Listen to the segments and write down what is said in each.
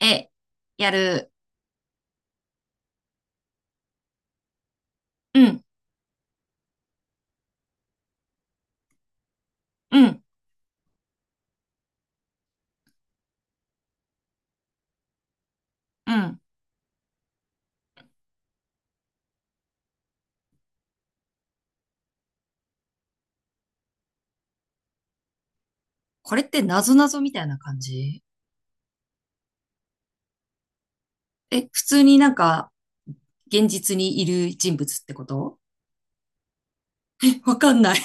え、やる。うん、うん、うん。これって謎々みたいな感じ？え、普通になんか、現実にいる人物ってこと？え、 わかんない。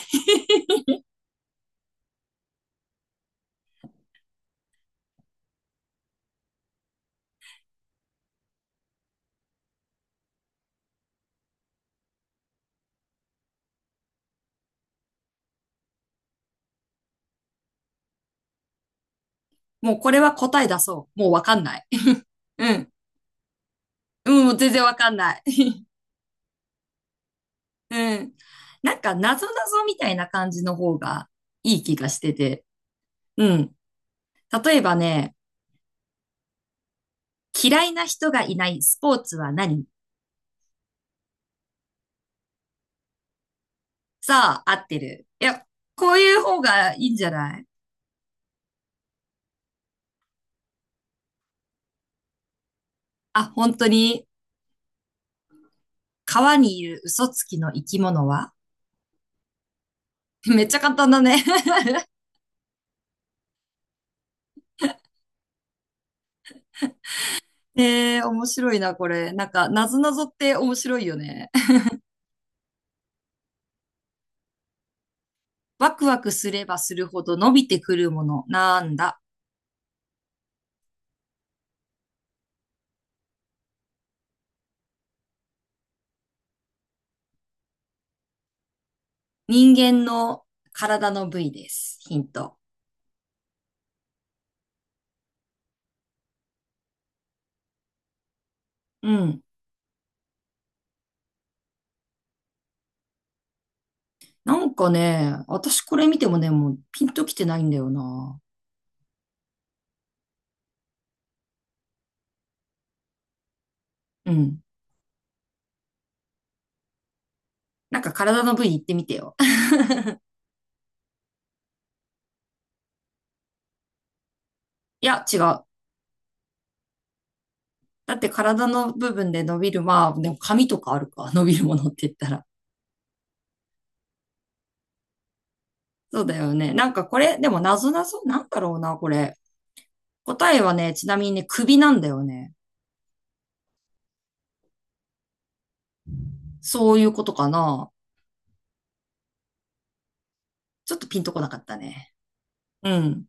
もうこれは答え出そう。もうわかんない。うん。うん、もう全然わかんない。うん。なんか、謎々みたいな感じの方がいい気がしてて。うん。例えばね、嫌いな人がいないスポーツは何？さあ、合ってる。いや、こういう方がいいんじゃない？あ、本当に？川にいる嘘つきの生き物は？ めっちゃ簡単だね。 えー、面白いな、これ。なんか、なぞなぞって面白いよね。ワクワクすればするほど伸びてくるもの、なんだ。人間の体の部位です。ヒント。うん。なんかね、私これ見てもね、もうピンときてないんだよな。うん。なんか体の部位言ってみてよ。いや、違う。だって体の部分で伸びる、まあ、でも髪とかあるか、伸びるものって言ったら。そうだよね。なんかこれ、でも謎なぞ、なんだろうな、これ。答えはね、ちなみにね、首なんだよね。そういうことかな。ちょっとピンとこなかったね。うん。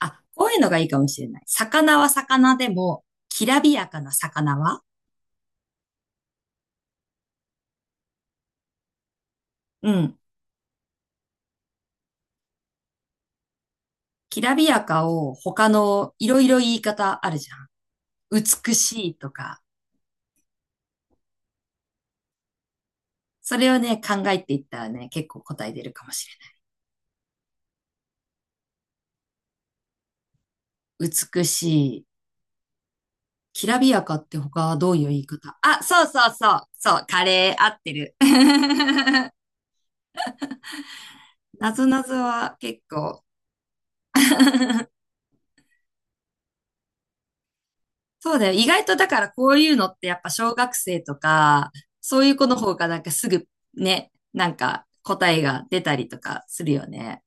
あ、こういうのがいいかもしれない。魚は魚でも、きらびやかな魚は？うん。きらびやかを他のいろいろ言い方あるじゃん。美しいとか。それをね、考えていったらね、結構答え出るかもしれない。美しい、きらびやかって他はどういう言い方あ、そうそうそう、そう、カレー合ってる。なぞなぞは結構。そうだよ。意外とだからこういうのってやっぱ小学生とか、そういう子の方がなんかすぐね、なんか答えが出たりとかするよね。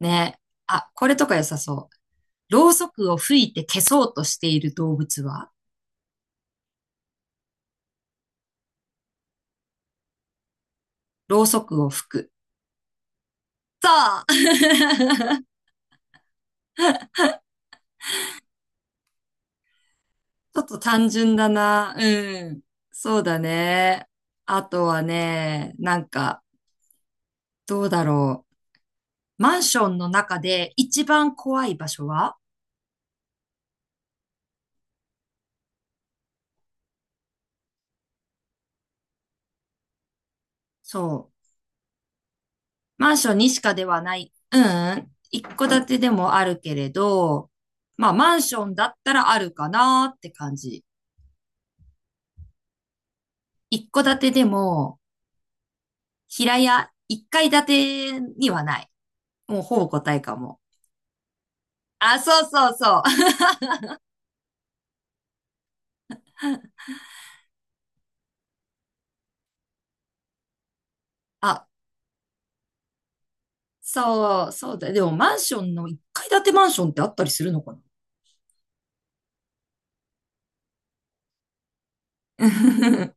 ね。あ、これとか良さそう。ろうそくを吹いて消そうとしている動物は？ろうそくを吹く。そう。 ちょっと単純だな。うん。そうだね。あとはね、なんか、どうだろう。マンションの中で一番怖い場所は？そう。マンションにしかではない。うん。一戸建てでもあるけれど、まあ、マンションだったらあるかなって感じ。一戸建てでも、平屋、一階建てにはない。もうほぼ答えかも。あ、そうそうそう。あ、そう、そうだ。でもマンションの1階建てマンションってあったりするのかな。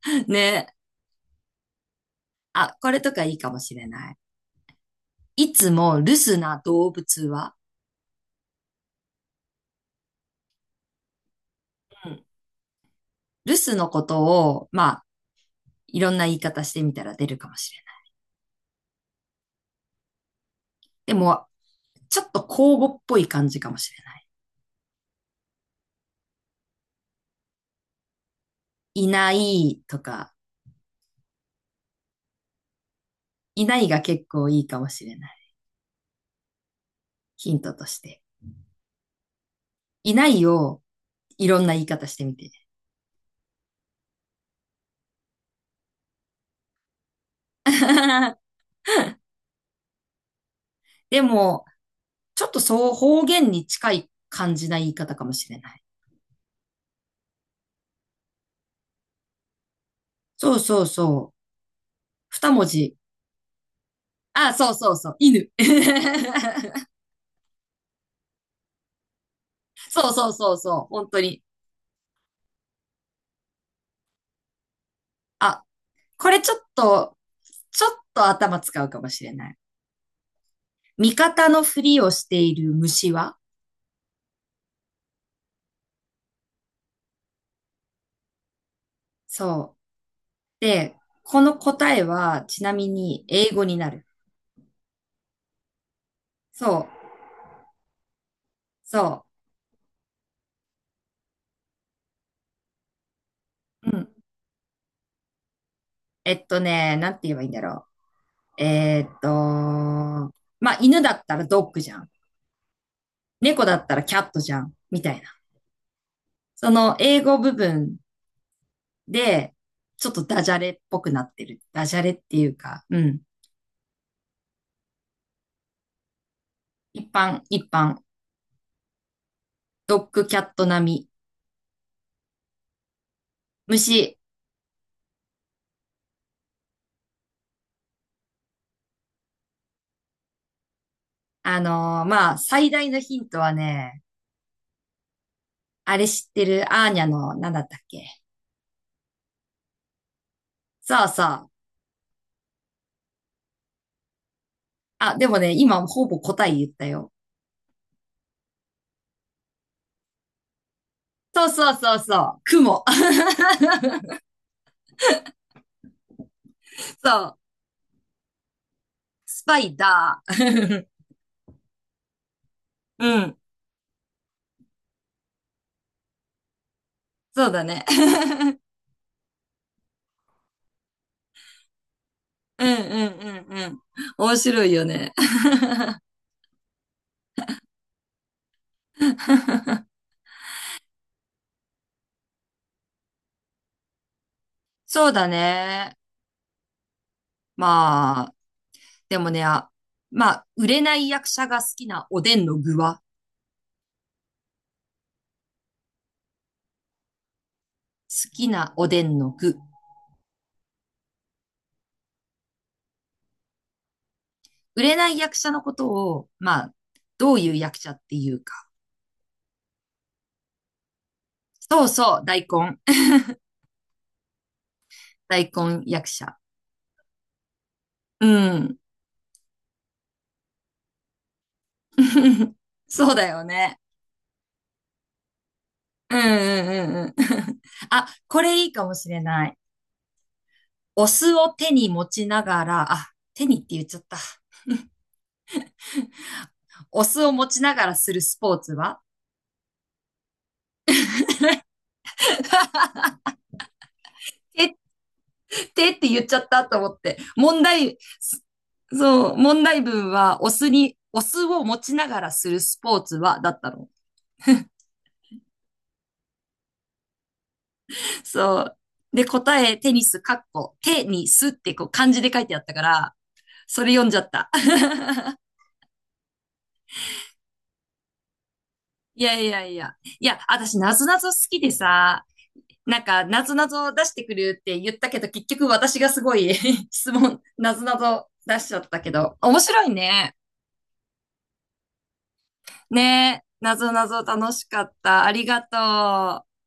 ね。あ、これとかいいかもしれない。いつも留守な動物は、うん、留守のことを、まあ、いろんな言い方してみたら出るかもしれない。でも、ちょっと口語っぽい感じかもしれない。いないとか、いないが結構いいかもしれない。ヒントとして。いないをいろんな言い方してみて。でも、ちょっとそう方言に近い感じな言い方かもしれない。そうそうそう。二文字。あ、そうそうそう。犬。そうそうそうそう。本当に。あ、これちょっと、ちょっと頭使うかもしれない。味方のふりをしている虫は？そう。で、この答えは、ちなみに英語になる。そう。そう。うん。なんて言えばいいんだろう。まあ、犬だったらドッグじゃん。猫だったらキャットじゃん、みたいな。その英語部分で、ちょっとダジャレっぽくなってる。ダジャレっていうか、うん。一般、一般。ドッグキャット並み。虫。まあ、最大のヒントはね、あれ知ってる？アーニャの、なんだったっけ？そうそう。あ、でもね、今ほぼ答え言ったよ。そうそうそうそう。雲。そう。スパイダー。うん。そうだね。うん、うん、うん、うん。面白いよね。そうだね。まあ、でもね、あ、まあ、売れない役者が好きなおでんの具は、好きなおでんの具。売れない役者のことを、まあ、どういう役者っていうか。そうそう、大根。大根役者。うん。そうだよね。うん、うん、うん、うん。あ、これいいかもしれない。お酢を手に持ちながら、あ、手にって言っちゃった。お酢を持ちながらするスポーツは？えっ？てって言っちゃったと思って。問題、そう、問題文はお酢に、お酢を持ちながらするスポーツはだったの。そう。で、答え、テニス、かっこ、テニスってこう漢字で書いてあったから、それ読んじゃった。いやいやいや。いや、私、なぞなぞ好きでさ、なんか、なぞなぞ出してくるって言ったけど、結局私がすごい 質問、なぞなぞ出しちゃったけど、面白いね。ねえ、なぞなぞ楽しかった。ありがとう。